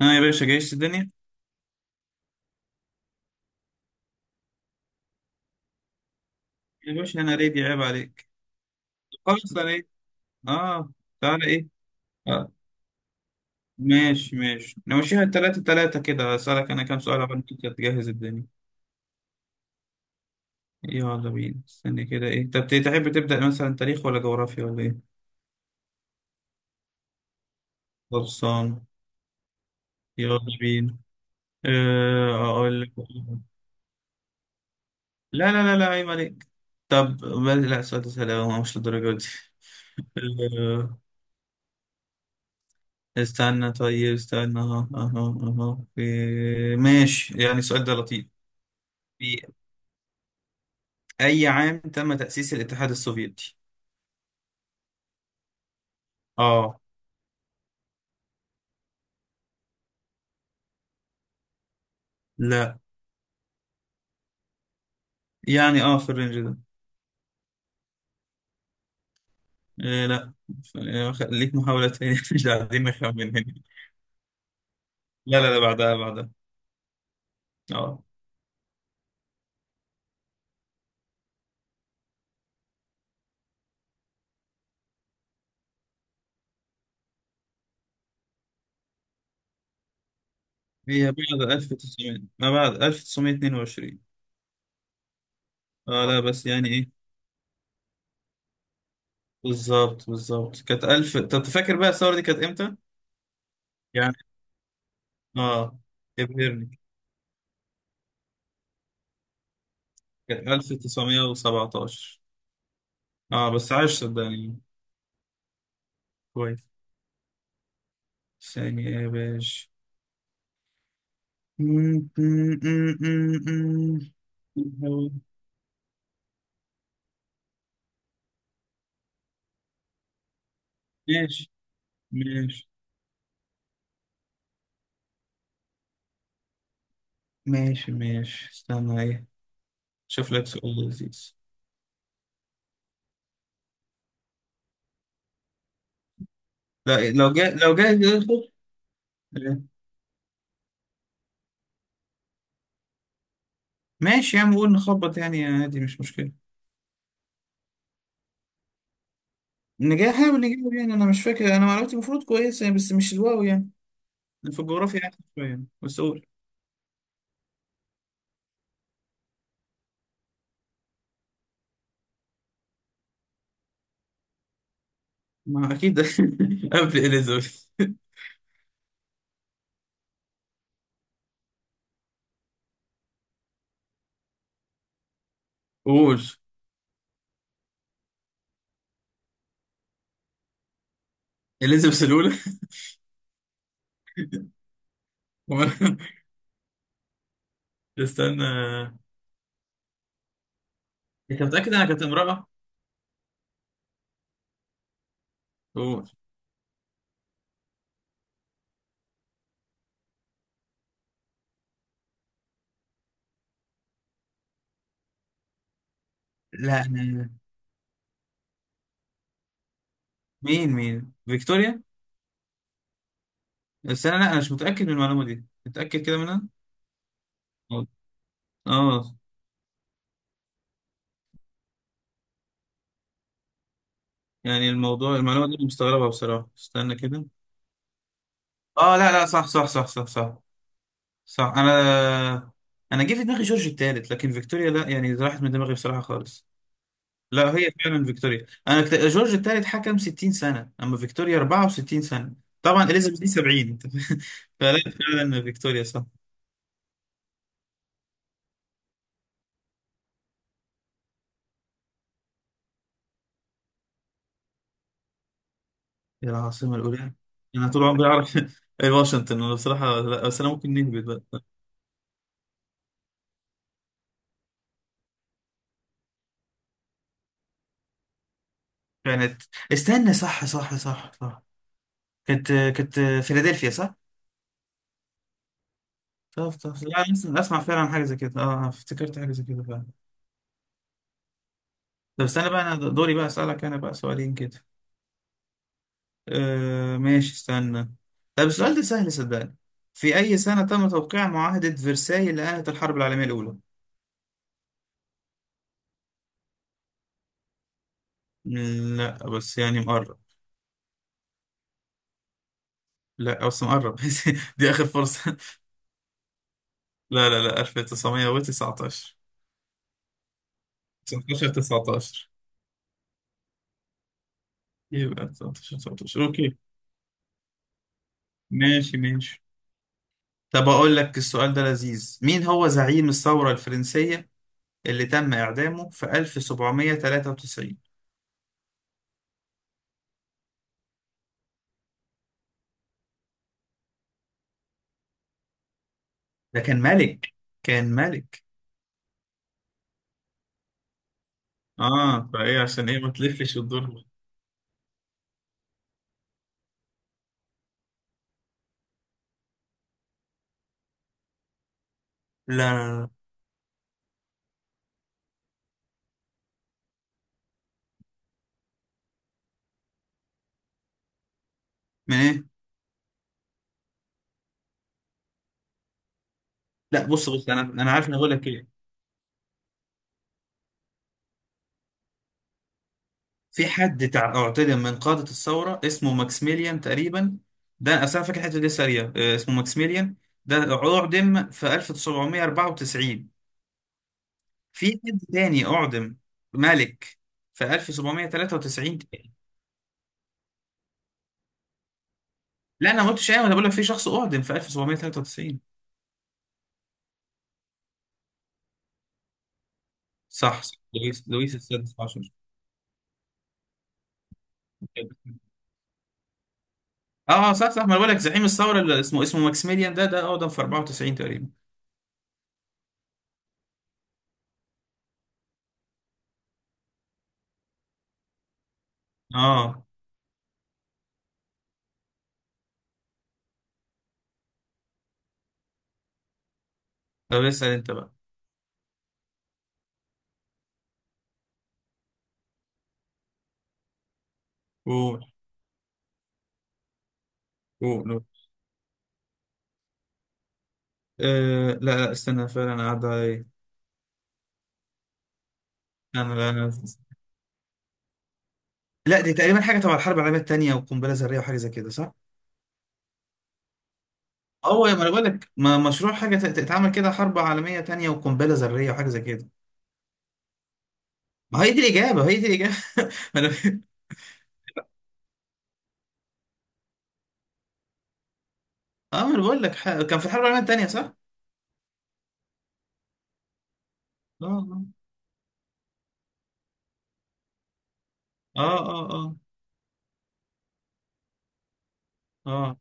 ها يا باشا، جايش الدنيا؟ يا باشا انا ريدي، عيب عليك. خلاص انا ايه؟ اه. تعالى ايه؟ آه. ماشي ماشي نمشيها تلاتة تلاتة كده، اسألك انا كام سؤال عشان انت تجهز الدنيا. يلا بينا، استني كده ايه، طب تحب تبدأ مثلا تاريخ ولا جغرافيا ولا ايه؟ خلصان، يلا بينا. اقول لك. لا لا لا لا، عيب عليك. طب لا، سؤال سهل أوي، مش للدرجة دي. استنى، طيب استنى، اهو اهو. اهو ماشي، يعني السؤال ده لطيف. في أي عام تم تأسيس الاتحاد السوفيتي؟ اه لا. يعني في الرينج ده. إيه لا. إيه، ليك محاولة تانية. مش عايزين نخمن هنا. لا لا لا، بعدها بعدها. اه. هي بعد 1900، ما بعد 1922. اه لا، بس يعني ايه. بالظبط بالظبط كانت 1000. طب تفكر بقى الثورة دي كانت امتى؟ يعني اه ابهرني. كانت 1917. اه بس عايش صدقني. كويس. ثانية يا باشا. م- م- م- م- م. ماشي ماشي ماشي ماشي. استنى ايه. شوف لك سؤال لذيذ. لا، لو جاء ياخد. ماشي يا عم، قول، نخبط يعني عادي مش مشكلة. نجاح، حاول نجيبه. يعني انا مش فاكر، انا معلوماتي المفروض كويسة يعني، بس مش الواو يعني. أنا في الجغرافيا احسن شوية، بس قول. ما اكيد قبل اليزابيث. قول. اليزابيث الاولى. استنى. انت متأكد انها كانت امرأة؟ قول. لا أنا- مين فيكتوريا؟ بس انا، لا، انا مش متأكد من المعلومة دي. متأكد كده منها؟ اه. آه. يعني الموضوع، المعلومة دي أنا مستغربها بصراحة. استنى كده. اه لا لا، صح صح صح صح صح. صح، انا جه في دماغي جورج الثالث، لكن فيكتوريا لا، يعني راحت من دماغي بصراحة خالص. لا، هي فعلا فيكتوريا. انا جورج الثالث حكم 60 سنة، اما فيكتوريا 64 سنة. طبعا اليزابيث دي 70. فلا، فعلا فيكتوريا صح. يا العاصمة الأولى. أنا طول عمري أعرف واشنطن. أنا بصراحة لا، بس أنا ممكن نهبط. بقى كانت، استنى، صح صح صح صح. كانت فيلادلفيا صح؟ طب طب لا، أنا أسمع فعلا حاجة زي كده. أه آه، افتكرت حاجة زي كده فعلا. طب استنى بقى، أنا دوري بقى أسألك، أنا بقى سؤالين كده. أه ماشي استنى. طب السؤال ده سهل صدقني. في أي سنة تم توقيع معاهدة فرساي اللي أنهت الحرب العالمية الأولى؟ لا بس يعني مقرب. لا بس مقرب. دي آخر فرصة. لا لا لا، 1919. 19 19. يبقى 19 19 اوكي. ماشي ماشي. طب اقول لك السؤال ده لذيذ، مين هو زعيم الثورة الفرنسية اللي تم اعدامه في 1793؟ ده كان ملك، كان ملك. اه فايه عشان ايه، ما تلفش وتدور، لا. لا لا من ايه؟ لا بص انا عارف، انا هقول لك ايه. في حد اعتدم من قادة الثورة اسمه ماكسيميليان تقريبا. ده أصل أنا فاكر الحتة دي سريع، اسمه ماكسيميليان ده، أعدم في 1794. في حد تاني أعدم ملك في 1793 تاني. لا أنا ما قلتش أيوة، أنا بقول لك في شخص أعدم في 1793. صح صح، لويس السادس عشر. صح صح، ما أنا بقول لك زعيم الثورة اللي اسمه ماكسيميليان، ده أعدم في 94 تقريبا. اه. طب اسأل أنت بقى. قول. قول. أه لا. لا استنى، فعلا قاعدة ايه. انا لا، دي تقريبا حاجة تبع الحرب العالمية التانية وقنبلة ذرية وحاجة زي كده صح؟ هو ما انا بقول لك مشروع حاجة تتعمل كده، حرب عالمية تانية وقنبلة ذرية وحاجة زي كده. ما هي دي الإجابة، هي دي الإجابة. ما انا. اه، ما انا بقول لك كان في الحرب العالمية التانية صح؟ اه اه اه اه اه.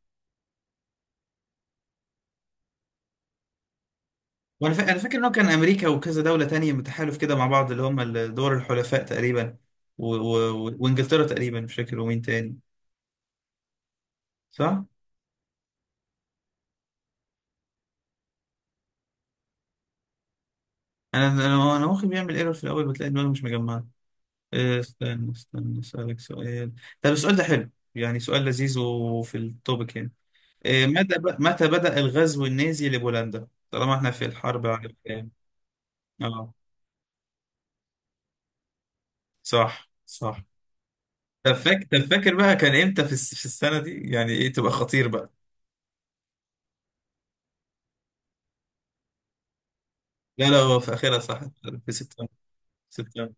وانا انا فاكر ان هو كان امريكا وكذا دولة تانية متحالف كده مع بعض، اللي هم دول الحلفاء تقريبا، وانجلترا تقريبا، مش فاكر ومين تاني. صح؟ انا انا أنا مخي بيعمل ايرور في الاول، بتلاقي دماغي مش مجمعه. إيه، استنى اسالك سؤال. طب السؤال ده حلو، يعني سؤال لذيذ وفي التوبيك يعني. إيه، متى بدأ الغزو النازي لبولندا، طالما احنا في الحرب على الكلام. اه صح صح. طب فاكر، بقى كان امتى في في السنه دي، يعني ايه تبقى خطير بقى. لا لا، هو في اخرها صح. في سبتمبر، سبتمبر.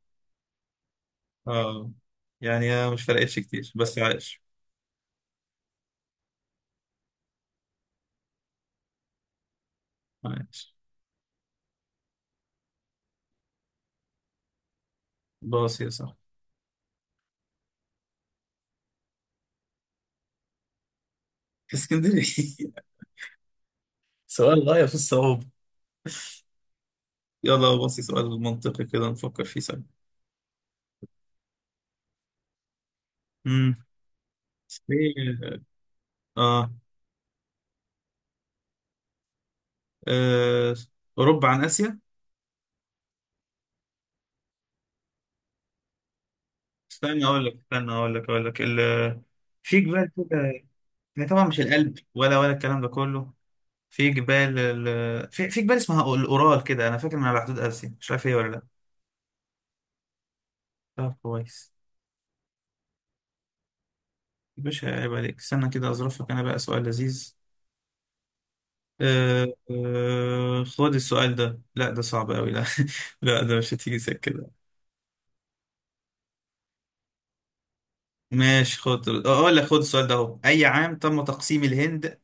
اه. يعني مش فرقتش كتير، بس عايش. عايش. باص يا صاحبي. في اسكندريه. سؤال غاية في الصعوبة. يلا بصي سؤال منطقي كده نفكر فيه سوا. امم. ايه. اه. آه. اوروبا عن اسيا. استنى اقول لك في جبال كده. هي طبعا مش الألب ولا الكلام ده كله. في جبال في جبال اسمها الاورال كده، انا فاكر انها على حدود اسيا، مش عارف هي ولا لا. طب كويس. يا باشا عيب عليك، استنى كده اظرف لك انا بقى سؤال لذيذ. خد السؤال ده، لا ده صعب قوي، لا. لا ده مش هتيجي سكة. ماشي، خد اقول لك، خد السؤال ده اهو، اي عام تم تقسيم الهند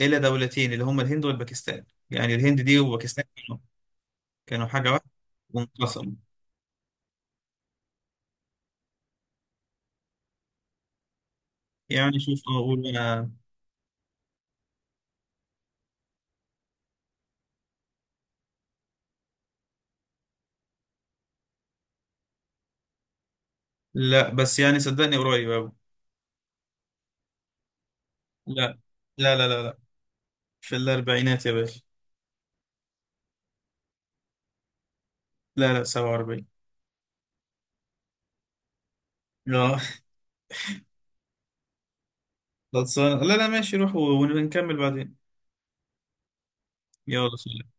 الى دولتين، اللي هما الهند والباكستان؟ يعني الهند دي وباكستان كانوا حاجه واحده وانقسموا. يعني شوف اقول انا. لا بس يعني صدقني قريب أوي. لا لا لا لا لا. في الاربعينات يا باشا. لا لا 47. لا. خلصان لا لا، ماشي، روح ونكمل بعدين. يلا سلام.